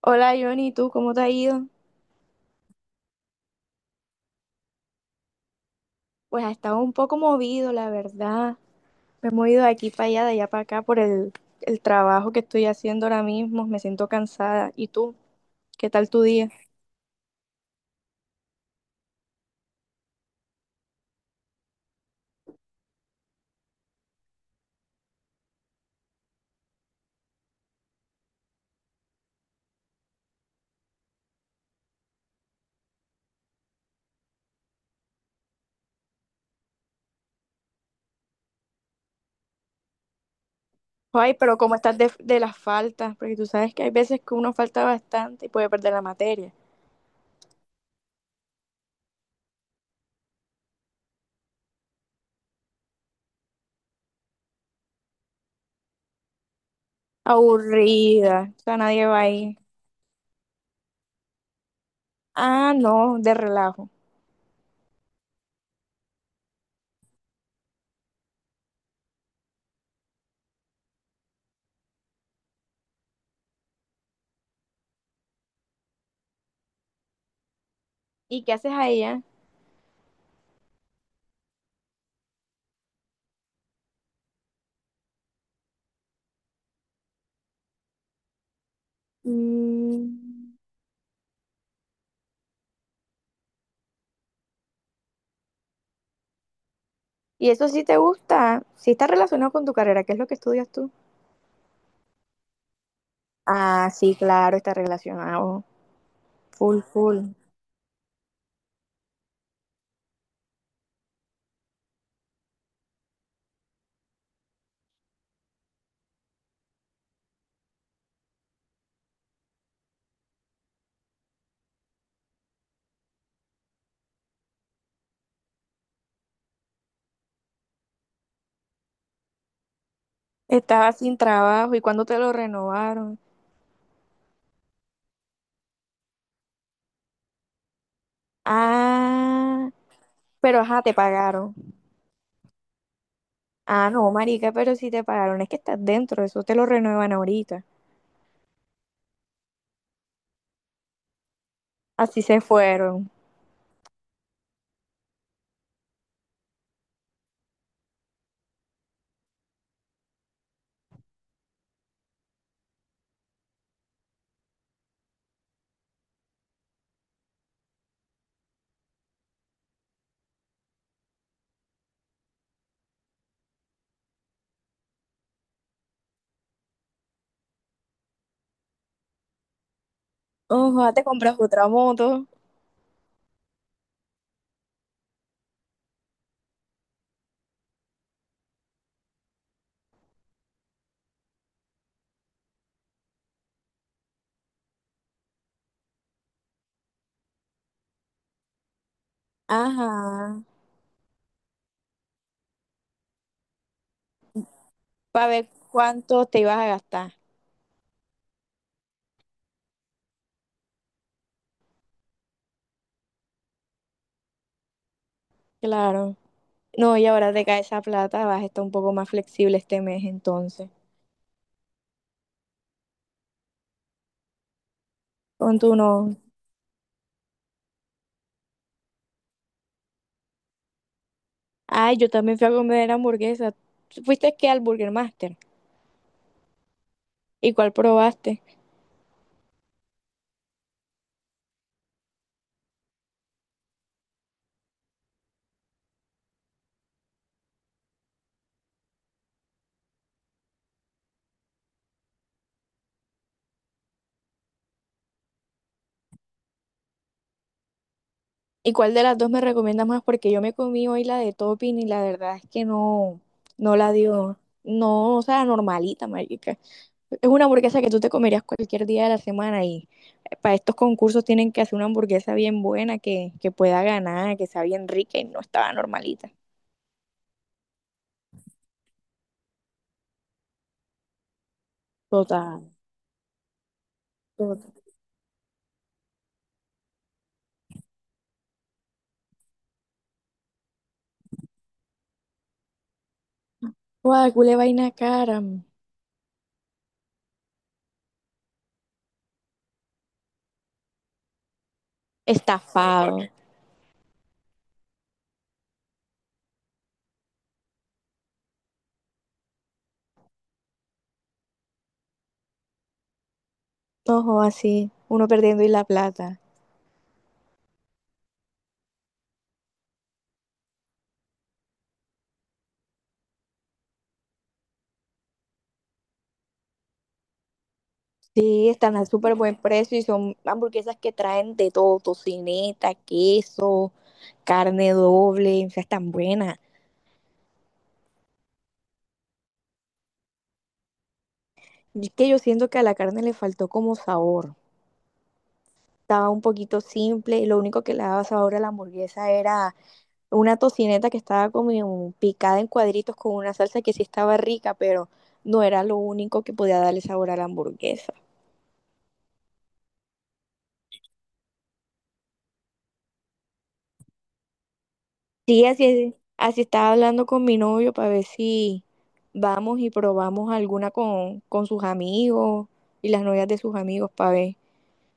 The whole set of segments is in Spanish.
Hola Johnny, ¿tú cómo te ha ido? Pues ha estado un poco movido, la verdad. Me he movido de aquí para allá, de allá para acá por el trabajo que estoy haciendo ahora mismo. Me siento cansada. ¿Y tú? ¿Qué tal tu día? Ay, pero ¿cómo estás de las faltas? Porque tú sabes que hay veces que uno falta bastante y puede perder la materia. Aburrida. O sea, nadie va ahí. Ah, no, de relajo. ¿Y qué haces allá? Mm, ¿y eso sí te gusta? ¿Sí está relacionado con tu carrera? ¿Qué es lo que estudias tú? Ah, sí, claro, está relacionado. Full, full. Estaba sin trabajo y cuando te lo renovaron. Ah, pero ajá, te pagaron. Ah, no, marica, pero si te pagaron, es que estás dentro, eso te lo renuevan ahorita. Así se fueron. Ojo, ah, te compras otra moto. Ajá. Para ver cuánto te ibas a gastar. Claro. No, y ahora te cae esa plata, vas a estar un poco más flexible este mes entonces. Con tu no. Ay, yo también fui a comer hamburguesa. ¿Fuiste qué al Burger Master? ¿Y cuál probaste? ¿Y cuál de las dos me recomiendas más? Porque yo me comí hoy la de topping y la verdad es que no, no la dio. No, o sea, normalita, marica. Es una hamburguesa que tú te comerías cualquier día de la semana y para estos concursos tienen que hacer una hamburguesa bien buena que pueda ganar, que sea bien rica y no estaba normalita. Total, total. Guau, culé vaina cara. Estafado. Ojo, así, uno perdiendo y la plata. Sí, están a súper buen precio y son hamburguesas que traen de todo, tocineta, queso, carne doble, o sea, están buenas. Y es que yo siento que a la carne le faltó como sabor. Estaba un poquito simple y lo único que le daba sabor a la hamburguesa era una tocineta que estaba como picada en cuadritos con una salsa que sí estaba rica, pero no era lo único que podía darle sabor a la hamburguesa. Sí, así estaba hablando con mi novio para ver si vamos y probamos alguna con sus amigos y las novias de sus amigos para ver.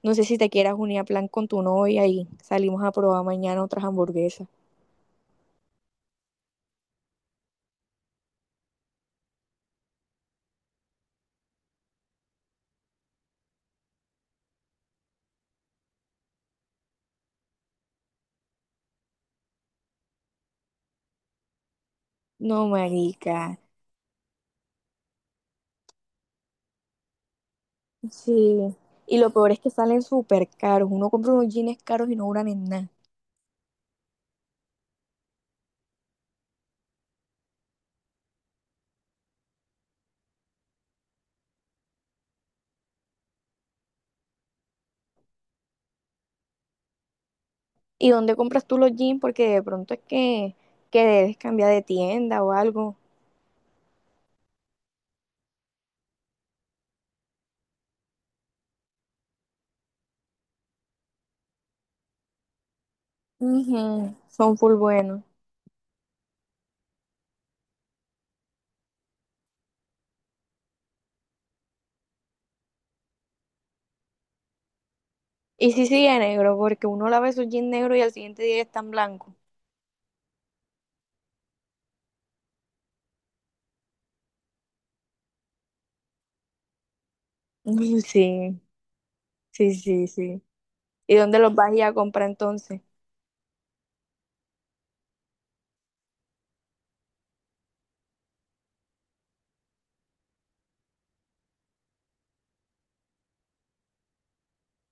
No sé si te quieras unir a plan con tu novia y salimos a probar mañana otras hamburguesas. No, marica. Sí. Y lo peor es que salen súper caros. Uno compra unos jeans caros y no duran en nada. ¿Y dónde compras tú los jeans? Porque de pronto es que debes cambiar de tienda o algo. Ujú, son full buenos. Y sí sigue negro, porque uno lava su jeans negro y al siguiente día ya están blancos. Uy, sí, sí, sí, sí. ¿Y dónde los vas a ir a comprar entonces?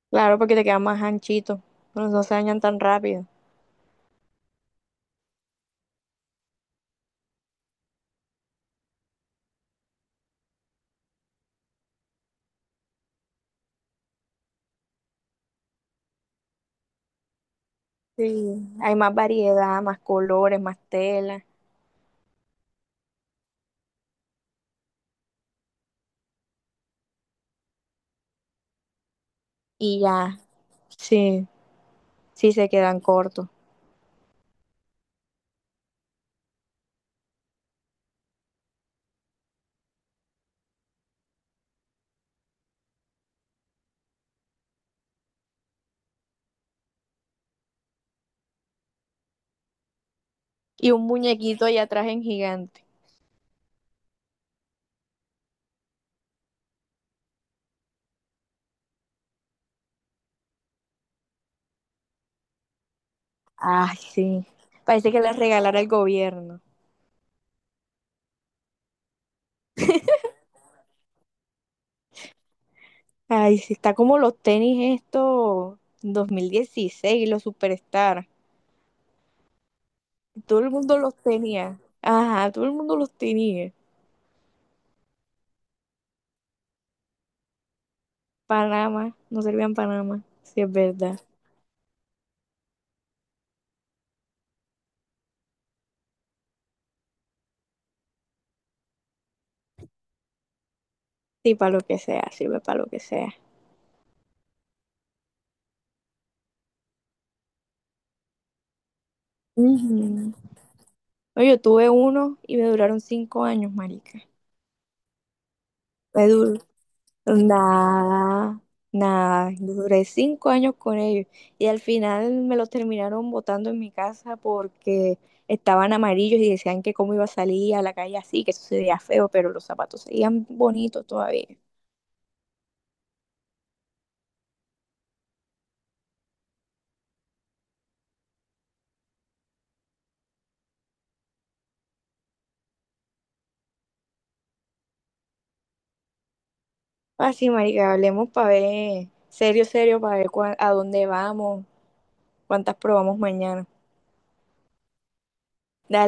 Claro, porque te quedan más anchitos. No, no se dañan tan rápido. Sí, hay más variedad, más colores, más tela. Y ya, sí, sí se quedan cortos. Y un muñequito allá atrás en gigante. Ay, sí. Parece que le regalara el gobierno. Ay, sí, está como los tenis estos 2016 los Superstar. Todo el mundo los tenía. Ajá, todo el mundo los tenía. Panamá, no servían Panamá, si es verdad. Sí, para lo que sea, sirve para lo que sea. Ujú. No, yo tuve uno y me duraron 5 años, marica. Me duró. Nada, nada. Duré 5 años con ellos. Y al final me los terminaron botando en mi casa porque estaban amarillos y decían que cómo iba a salir a la calle así, que eso sería feo, pero los zapatos seguían bonitos todavía. Así, marica, hablemos para ver, serio, serio, para ver a dónde vamos, cuántas probamos mañana. Dale.